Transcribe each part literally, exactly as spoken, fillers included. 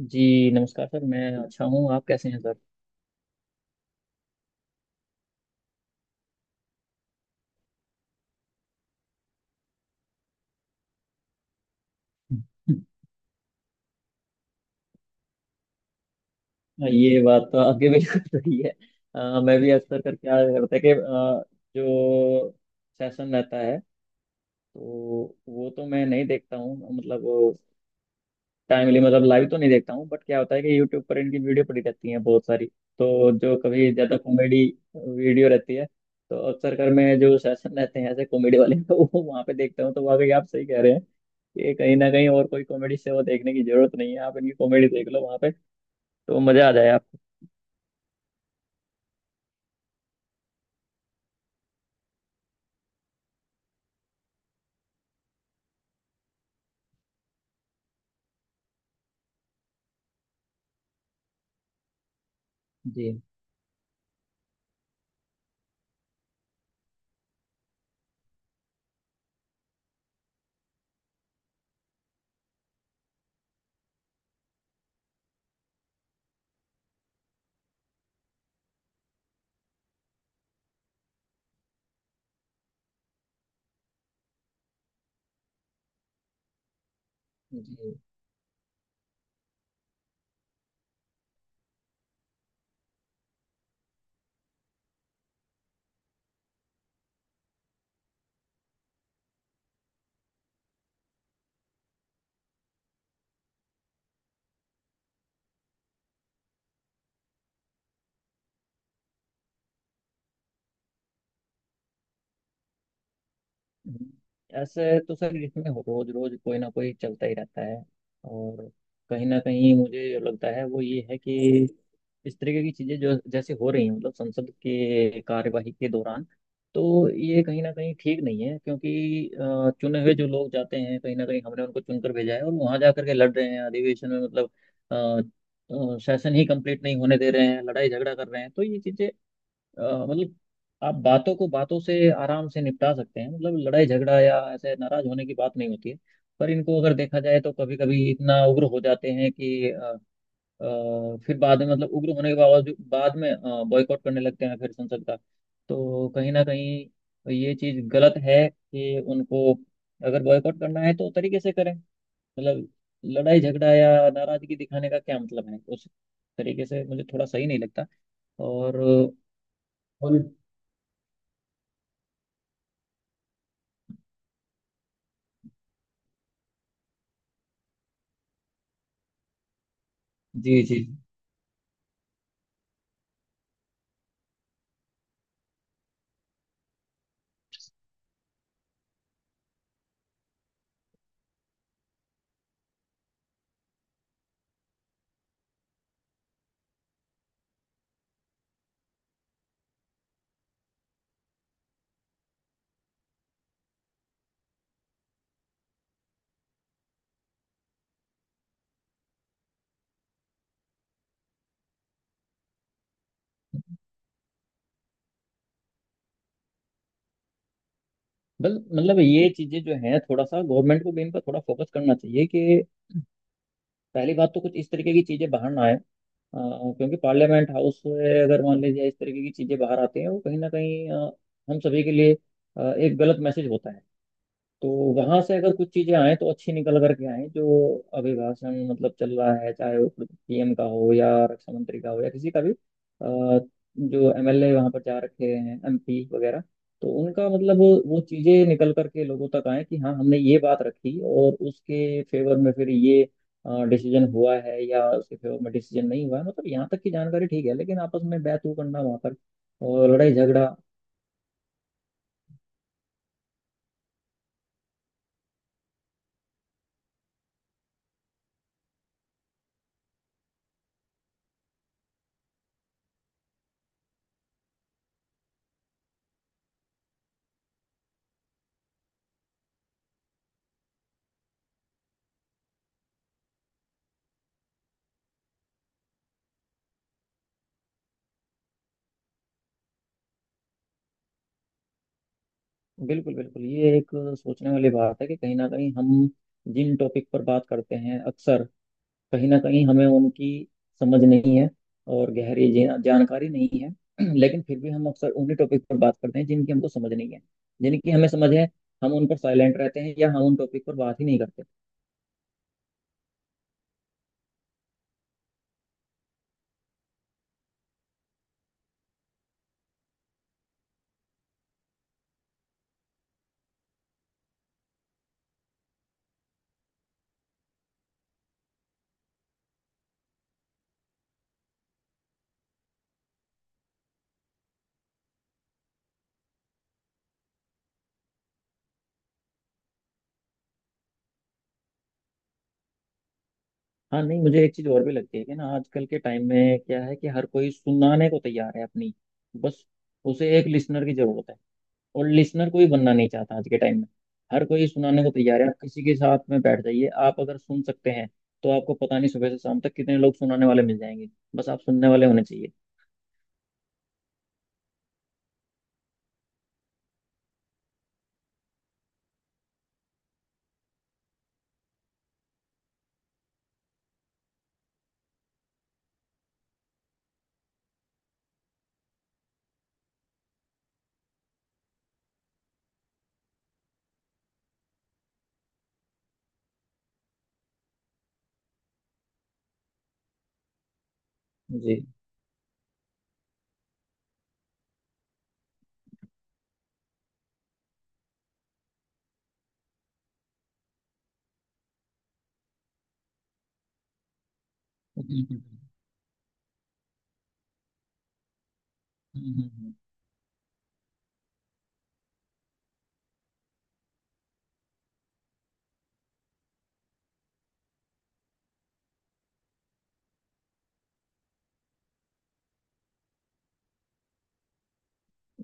जी नमस्कार सर, मैं अच्छा हूँ। आप कैसे हैं सर? ये बात तो आपकी बिल्कुल सही है। अ, मैं भी अक्सर कर क्या करता है कि अ, जो सेशन रहता है तो वो तो मैं नहीं देखता हूँ, मतलब टाइमली, मतलब लाइव तो नहीं देखता हूँ, बट क्या होता है कि यूट्यूब पर इनकी वीडियो पड़ी रहती है बहुत सारी। तो जो कभी ज्यादा कॉमेडी वीडियो रहती है तो अक्सर कर मैं जो सेशन रहते हैं ऐसे कॉमेडी वाले तो वो वहाँ पे देखता हूँ। तो वाकई आप सही कह रहे हैं कि कहीं ना कहीं और कोई कॉमेडी से वो देखने की जरूरत नहीं है, आप इनकी कॉमेडी देख लो वहाँ पे तो मजा आ जाए आपको। जी, जी, हम्म। ऐसे तो सर इसमें रोज रोज कोई ना कोई चलता ही रहता है। और कहीं ना कहीं मुझे लगता है वो ये है कि इस तरीके की चीजें जो जैसे हो रही हैं मतलब संसद के कार्यवाही के दौरान, तो ये कहीं ना कहीं ठीक नहीं है क्योंकि अ, चुने हुए जो लोग जाते हैं, कहीं ना कहीं हमने उनको चुनकर भेजा है और वहां जाकर के लड़ रहे हैं अधिवेशन में, मतलब अ, अ, सेशन ही कंप्लीट नहीं होने दे रहे हैं, लड़ाई झगड़ा कर रहे हैं। तो ये चीजें अ, मतलब आप बातों को बातों से आराम से निपटा सकते हैं, मतलब लड़ाई झगड़ा या ऐसे नाराज होने की बात नहीं होती है। पर इनको अगर देखा जाए तो कभी कभी इतना उग्र हो जाते हैं कि अ, फिर बाद में, मतलब उग्र होने के बावजूद बाद में बॉयकॉट करने लगते हैं फिर संसद का। तो कहीं ना कहीं ये चीज गलत है कि उनको अगर बॉयकॉट करना है तो तरीके से करें, मतलब लड़ाई झगड़ा या नाराजगी दिखाने का क्या मतलब है उस तरीके से, मुझे थोड़ा सही नहीं लगता। और और जी, जी। बल मतलब ये चीजें जो हैं थोड़ा सा गवर्नमेंट को भी इन पर थोड़ा फोकस करना चाहिए कि पहली बात तो कुछ इस तरीके की चीजें बाहर ना आए, अ, क्योंकि पार्लियामेंट हाउस से अगर मान लीजिए इस तरीके की चीजें बाहर आती हैं, वो कहीं ना कहीं अ, हम सभी के लिए अ, एक गलत मैसेज होता है। तो वहां से अगर कुछ चीजें आए तो अच्छी निकल करके आए, जो अभिभाषण मतलब चल रहा है चाहे वो पीएम का हो या रक्षा मंत्री का हो या किसी का भी, अ, जो एमएलए वहां पर जा रखे हैं, एमपी वगैरह, तो उनका मतलब वो चीजें निकल करके लोगों तक आए कि हाँ हमने ये बात रखी और उसके फेवर में फिर ये डिसीजन हुआ है या उसके फेवर में डिसीजन नहीं हुआ है, मतलब यहाँ तक की जानकारी ठीक है, लेकिन आपस में बैतू करना वहां पर और लड़ाई झगड़ा। बिल्कुल, बिल्कुल, ये एक सोचने वाली बात है कि कहीं ना कहीं हम जिन टॉपिक पर बात करते हैं अक्सर, कहीं ना कहीं हमें उनकी समझ नहीं है और गहरी जी- जानकारी नहीं है। लेकिन फिर भी हम अक्सर उन्हीं टॉपिक पर बात करते हैं जिनकी हमको समझ नहीं है। जिनकी हमें समझ है, हम उन पर साइलेंट रहते हैं या हम उन टॉपिक पर बात ही नहीं करते। हाँ, नहीं, मुझे एक चीज़ और भी लगती है कि ना आजकल के टाइम में क्या है कि हर कोई सुनाने को तैयार है अपनी, बस उसे एक लिसनर की जरूरत है, और लिसनर कोई बनना नहीं चाहता आज के टाइम में। हर कोई सुनाने को तैयार है, आप किसी के साथ में बैठ जाइए, आप अगर सुन सकते हैं तो आपको पता नहीं सुबह से शाम तक कितने लोग सुनाने वाले मिल जाएंगे, बस आप सुनने वाले होने चाहिए। जी, बिल्कुल। हम्म, हम्म, हम्म।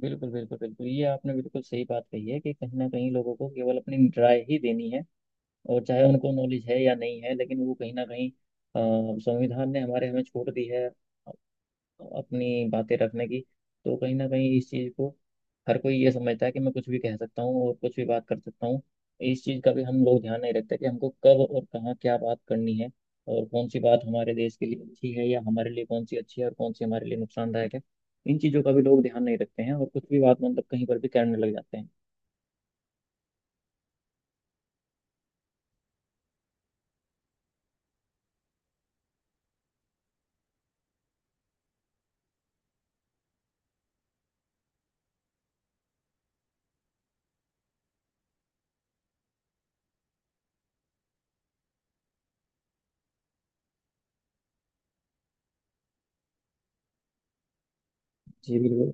बिल्कुल, बिल्कुल, बिल्कुल, ये आपने बिल्कुल सही बात कही है कि कहीं ना कहीं लोगों को केवल अपनी राय ही देनी है। और चाहे उनको नॉलेज है या नहीं है, लेकिन वो कहीं ना कहीं, अ, संविधान ने हमारे हमें छूट दी है अपनी बातें रखने की। तो कहीं ना कहीं इस चीज़ को हर कोई ये समझता है कि मैं कुछ भी कह सकता हूँ और कुछ भी बात कर सकता हूँ। इस चीज़ का भी हम लोग ध्यान नहीं रखते कि हमको कब और कहाँ क्या बात करनी है, और कौन सी बात हमारे देश के लिए अच्छी है या हमारे लिए कौन सी अच्छी है और कौन सी हमारे लिए नुकसानदायक है। इन चीज़ों का भी लोग ध्यान नहीं रखते हैं और कुछ भी बात मतलब कहीं पर भी करने लग जाते हैं। जी, बिल्कुल।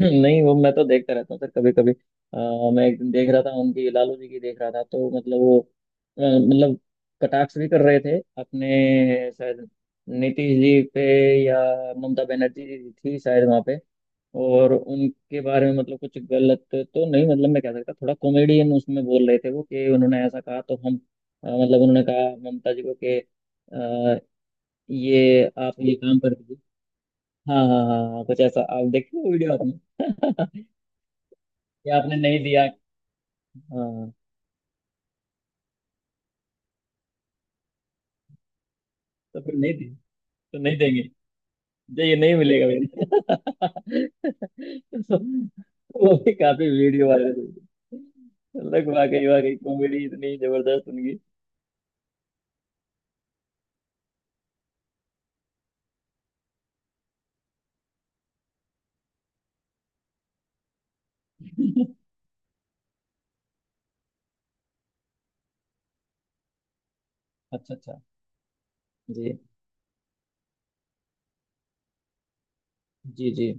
नहीं, वो मैं तो देखता रहता हूँ सर कभी कभी। मैं एक दिन देख रहा था, उनकी लालू जी की देख रहा था, तो मतलब वो अ, मतलब कटाक्ष भी कर रहे थे अपने शायद नीतीश जी पे, या ममता बनर्जी जी थी शायद वहाँ पे। और उनके बारे में मतलब कुछ गलत तो नहीं, मतलब मैं कह सकता थोड़ा कॉमेडियन उसमें बोल रहे थे वो, कि उन्होंने ऐसा कहा तो हम, अ, मतलब उन्होंने कहा ममता जी को कि अ, ये आप ये काम कर दीजिए। हाँ, हाँ, हाँ, हाँ, कुछ ऐसा आप देखिए वीडियो आपने। ये आपने नहीं दिया। हाँ। तो फिर नहीं दिया, तो नहीं देंगे, जो ये नहीं मिलेगा मेरे। तो वो भी काफी वीडियो वायरल हुई। लग, वाकई वाकई कॉमेडी इतनी जबरदस्त उनकी। अच्छा, अच्छा। जी, जी। जी,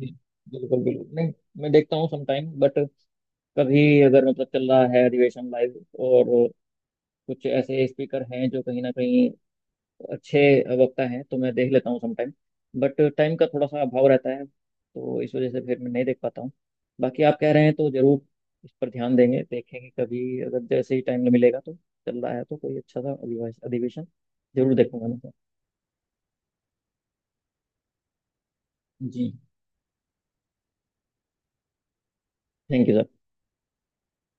जी, बिल्कुल, बिल्कुल। नहीं, मैं देखता हूँ समटाइम, बट कभी अगर मतलब चल रहा है अधिवेशन लाइव, और कुछ ऐसे स्पीकर हैं जो कहीं ना कहीं अच्छे वक्ता हैं, तो मैं देख लेता हूँ समटाइम। बट टाइम का थोड़ा सा अभाव रहता है, तो इस वजह से फिर मैं नहीं देख पाता हूँ। बाकी आप कह रहे हैं तो जरूर इस पर ध्यान देंगे, देखेंगे कभी, अगर जैसे ही टाइम मिलेगा तो, चल रहा है तो कोई अच्छा सा अधिवेश- अधिवेशन जरूर देखूंगा मैं। जी। Thank you sir.